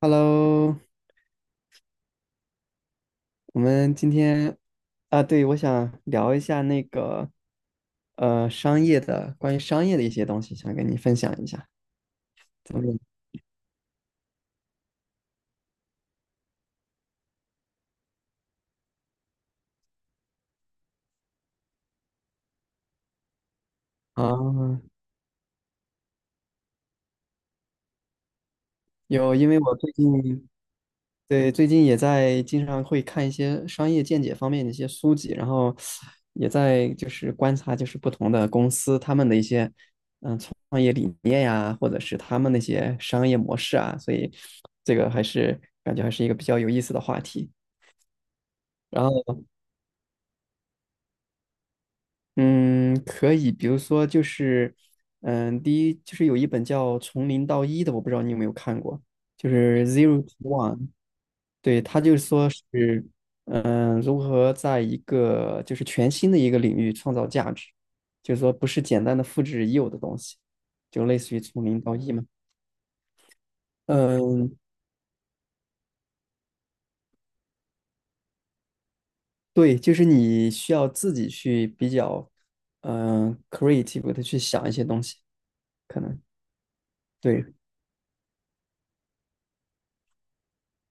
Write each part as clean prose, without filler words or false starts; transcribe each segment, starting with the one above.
Hello，我们今天啊，对，我想聊一下商业的，关于商业的一些东西，想跟你分享一下，怎么样？啊，有，因为我最近对最近也在经常会看一些商业见解方面的一些书籍，然后也在就是观察就是不同的公司他们的一些嗯创业理念呀，或者是他们那些商业模式啊，所以这个还是感觉还是一个比较有意思的话题。然后。嗯，可以，比如说就是，嗯，第一就是有一本叫《从零到一》的，我不知道你有没有看过，就是《Zero to One》。对，他就说是，嗯，如何在一个就是全新的一个领域创造价值，就是说不是简单的复制已有的东西，就类似于从零到一嘛。嗯，对，就是你需要自己去比较，嗯，creative 的去想一些东西，可能对。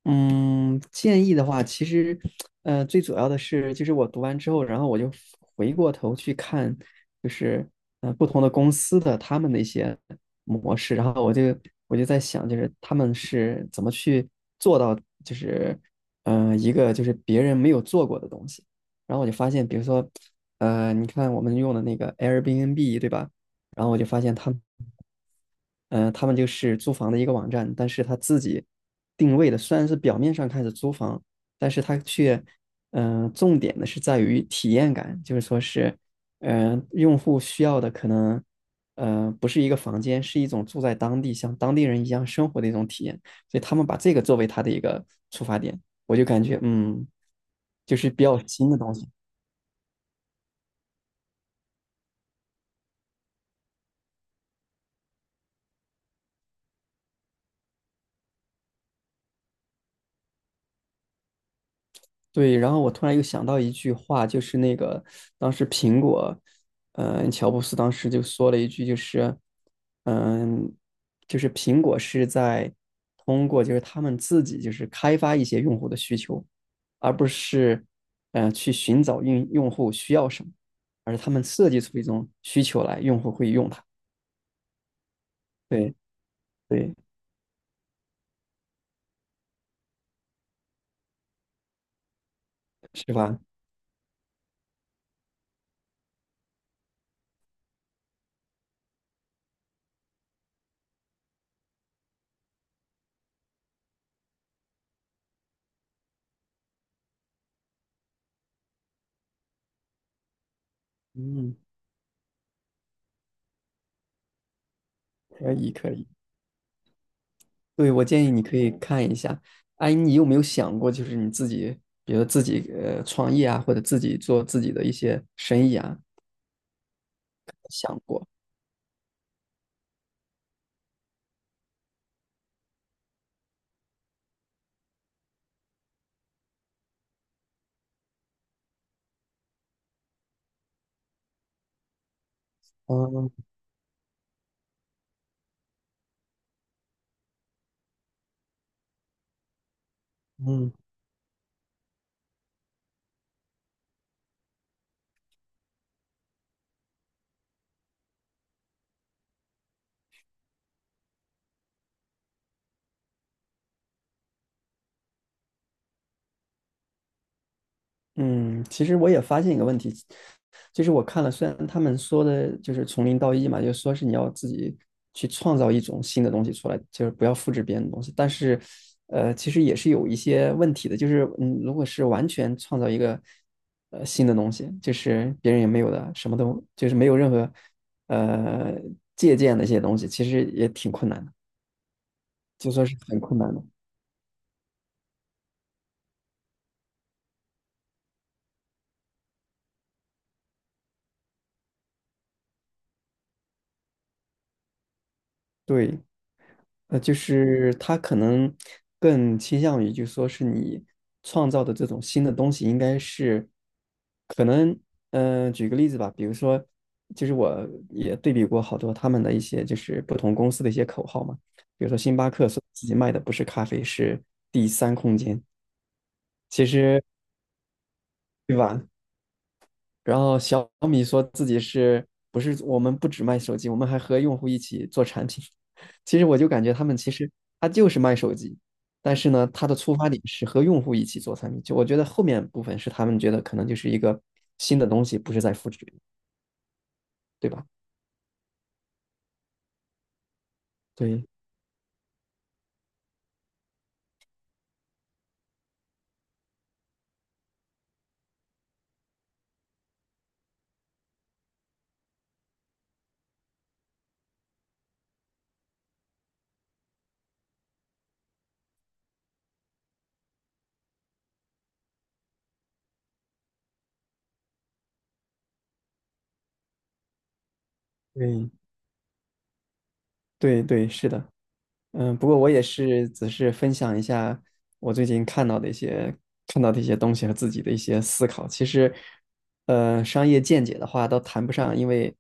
嗯，建议的话，其实，最主要的是，就是我读完之后，然后我就回过头去看，就是不同的公司的他们的一些模式，然后我就在想，就是他们是怎么去做到，就是一个就是别人没有做过的东西，然后我就发现，比如说，你看我们用的那个 Airbnb，对吧？然后我就发现他们。他们就是租房的一个网站，但是他自己定位的虽然是表面上看是租房，但是他却，重点的是在于体验感，就是说是，用户需要的可能，呃，不是一个房间，是一种住在当地像当地人一样生活的一种体验，所以他们把这个作为他的一个出发点，我就感觉嗯，就是比较新的东西。对，然后我突然又想到一句话，就是那个当时苹果，乔布斯当时就说了一句，就是，嗯、就是苹果是在通过就是他们自己就是开发一些用户的需求，而不是，去寻找用户需要什么，而是他们设计出一种需求来，用户会用它。对对，是吧？嗯，可以可以。对，我建议你可以看一下。哎，你有没有想过，就是你自己，比如自己创业啊，或者自己做自己的一些生意啊，想过？嗯嗯。嗯，其实我也发现一个问题，就是我看了，虽然他们说的就是从零到一嘛，就是说是你要自己去创造一种新的东西出来，就是不要复制别人的东西，但是，呃，其实也是有一些问题的，就是嗯，如果是完全创造一个新的东西，就是别人也没有的，什么都就是没有任何呃借鉴的一些东西，其实也挺困难的，就说是很困难的，对。就是他可能更倾向于，就是说是你创造的这种新的东西，应该是可能，举个例子吧，比如说，就是我也对比过好多他们的一些就是不同公司的一些口号嘛，比如说星巴克说自己卖的不是咖啡，是第三空间，其实对吧？然后小米说自己是不是我们不只卖手机，我们还和用户一起做产品。其实我就感觉他们其实他就是卖手机，但是呢，他的出发点是和用户一起做产品。就我觉得后面部分是他们觉得可能就是一个新的东西，不是在复制，对吧？对对对对，是的。嗯，不过我也是，只是分享一下我最近看到的一些东西和自己的一些思考。其实，呃，商业见解的话倒谈不上，因为，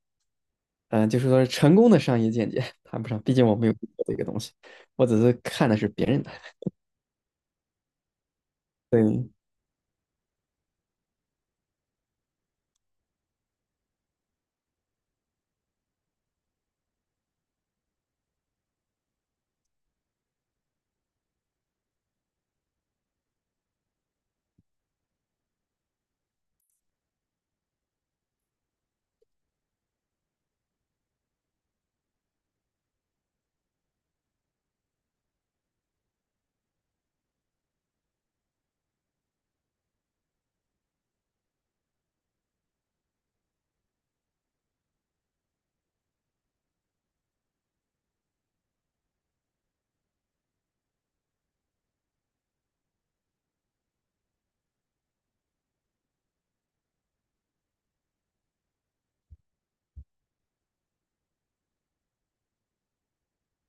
就是说成功的商业见解 谈不上，毕竟我没有做这个东西，我只是看的是别人的。对，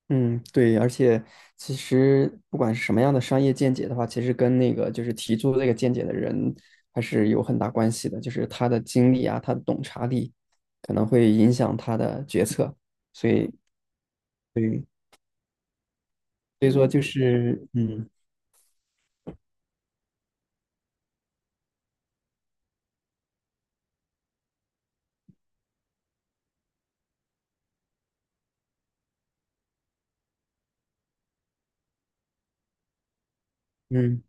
嗯，对，而且其实不管是什么样的商业见解的话，其实跟那个就是提出这个见解的人还是有很大关系的，就是他的经历啊，他的洞察力可能会影响他的决策，所以，对，所以说就是，嗯嗯。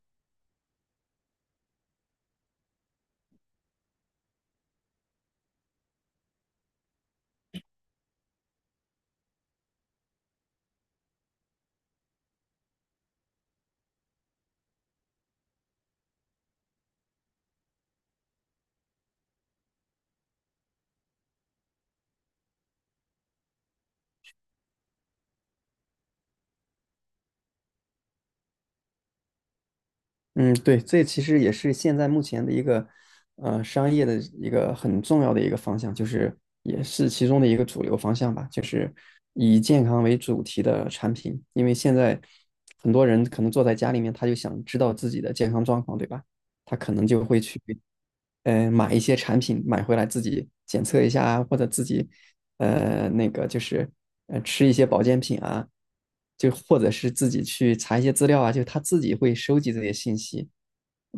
嗯，对，这其实也是现在目前的一个商业的一个很重要的一个方向，就是也是其中的一个主流方向吧，就是以健康为主题的产品。因为现在很多人可能坐在家里面，他就想知道自己的健康状况，对吧？他可能就会去买一些产品买回来自己检测一下啊，或者自己呃那个就是吃一些保健品啊，就或者是自己去查一些资料啊，就他自己会收集这些信息。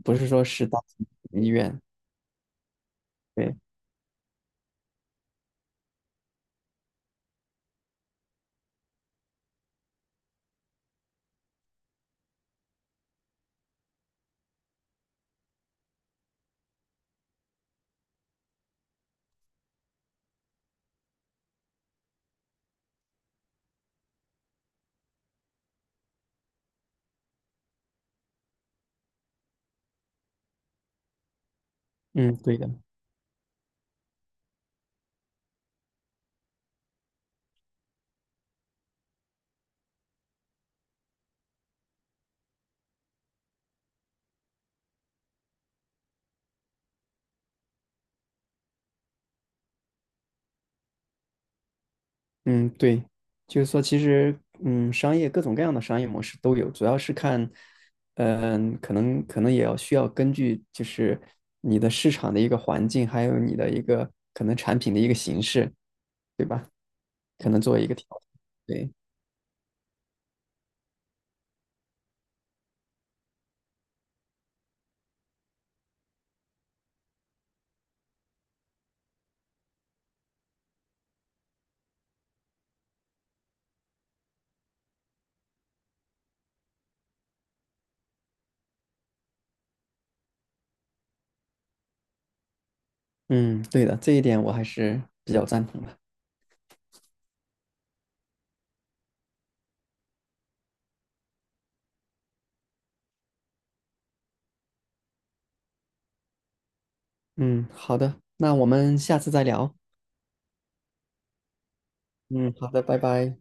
不是说是大型医院，对，嗯，对的，嗯，对，就是说，其实，商业各种各样的商业模式都有，主要是看，可能也要需要根据就是你的市场的一个环境，还有你的一个可能产品的一个形式，可能做一个调整，对，嗯，对的，这一点我还是比较赞同的。嗯，好的，那我们下次再聊。嗯，好的，拜拜。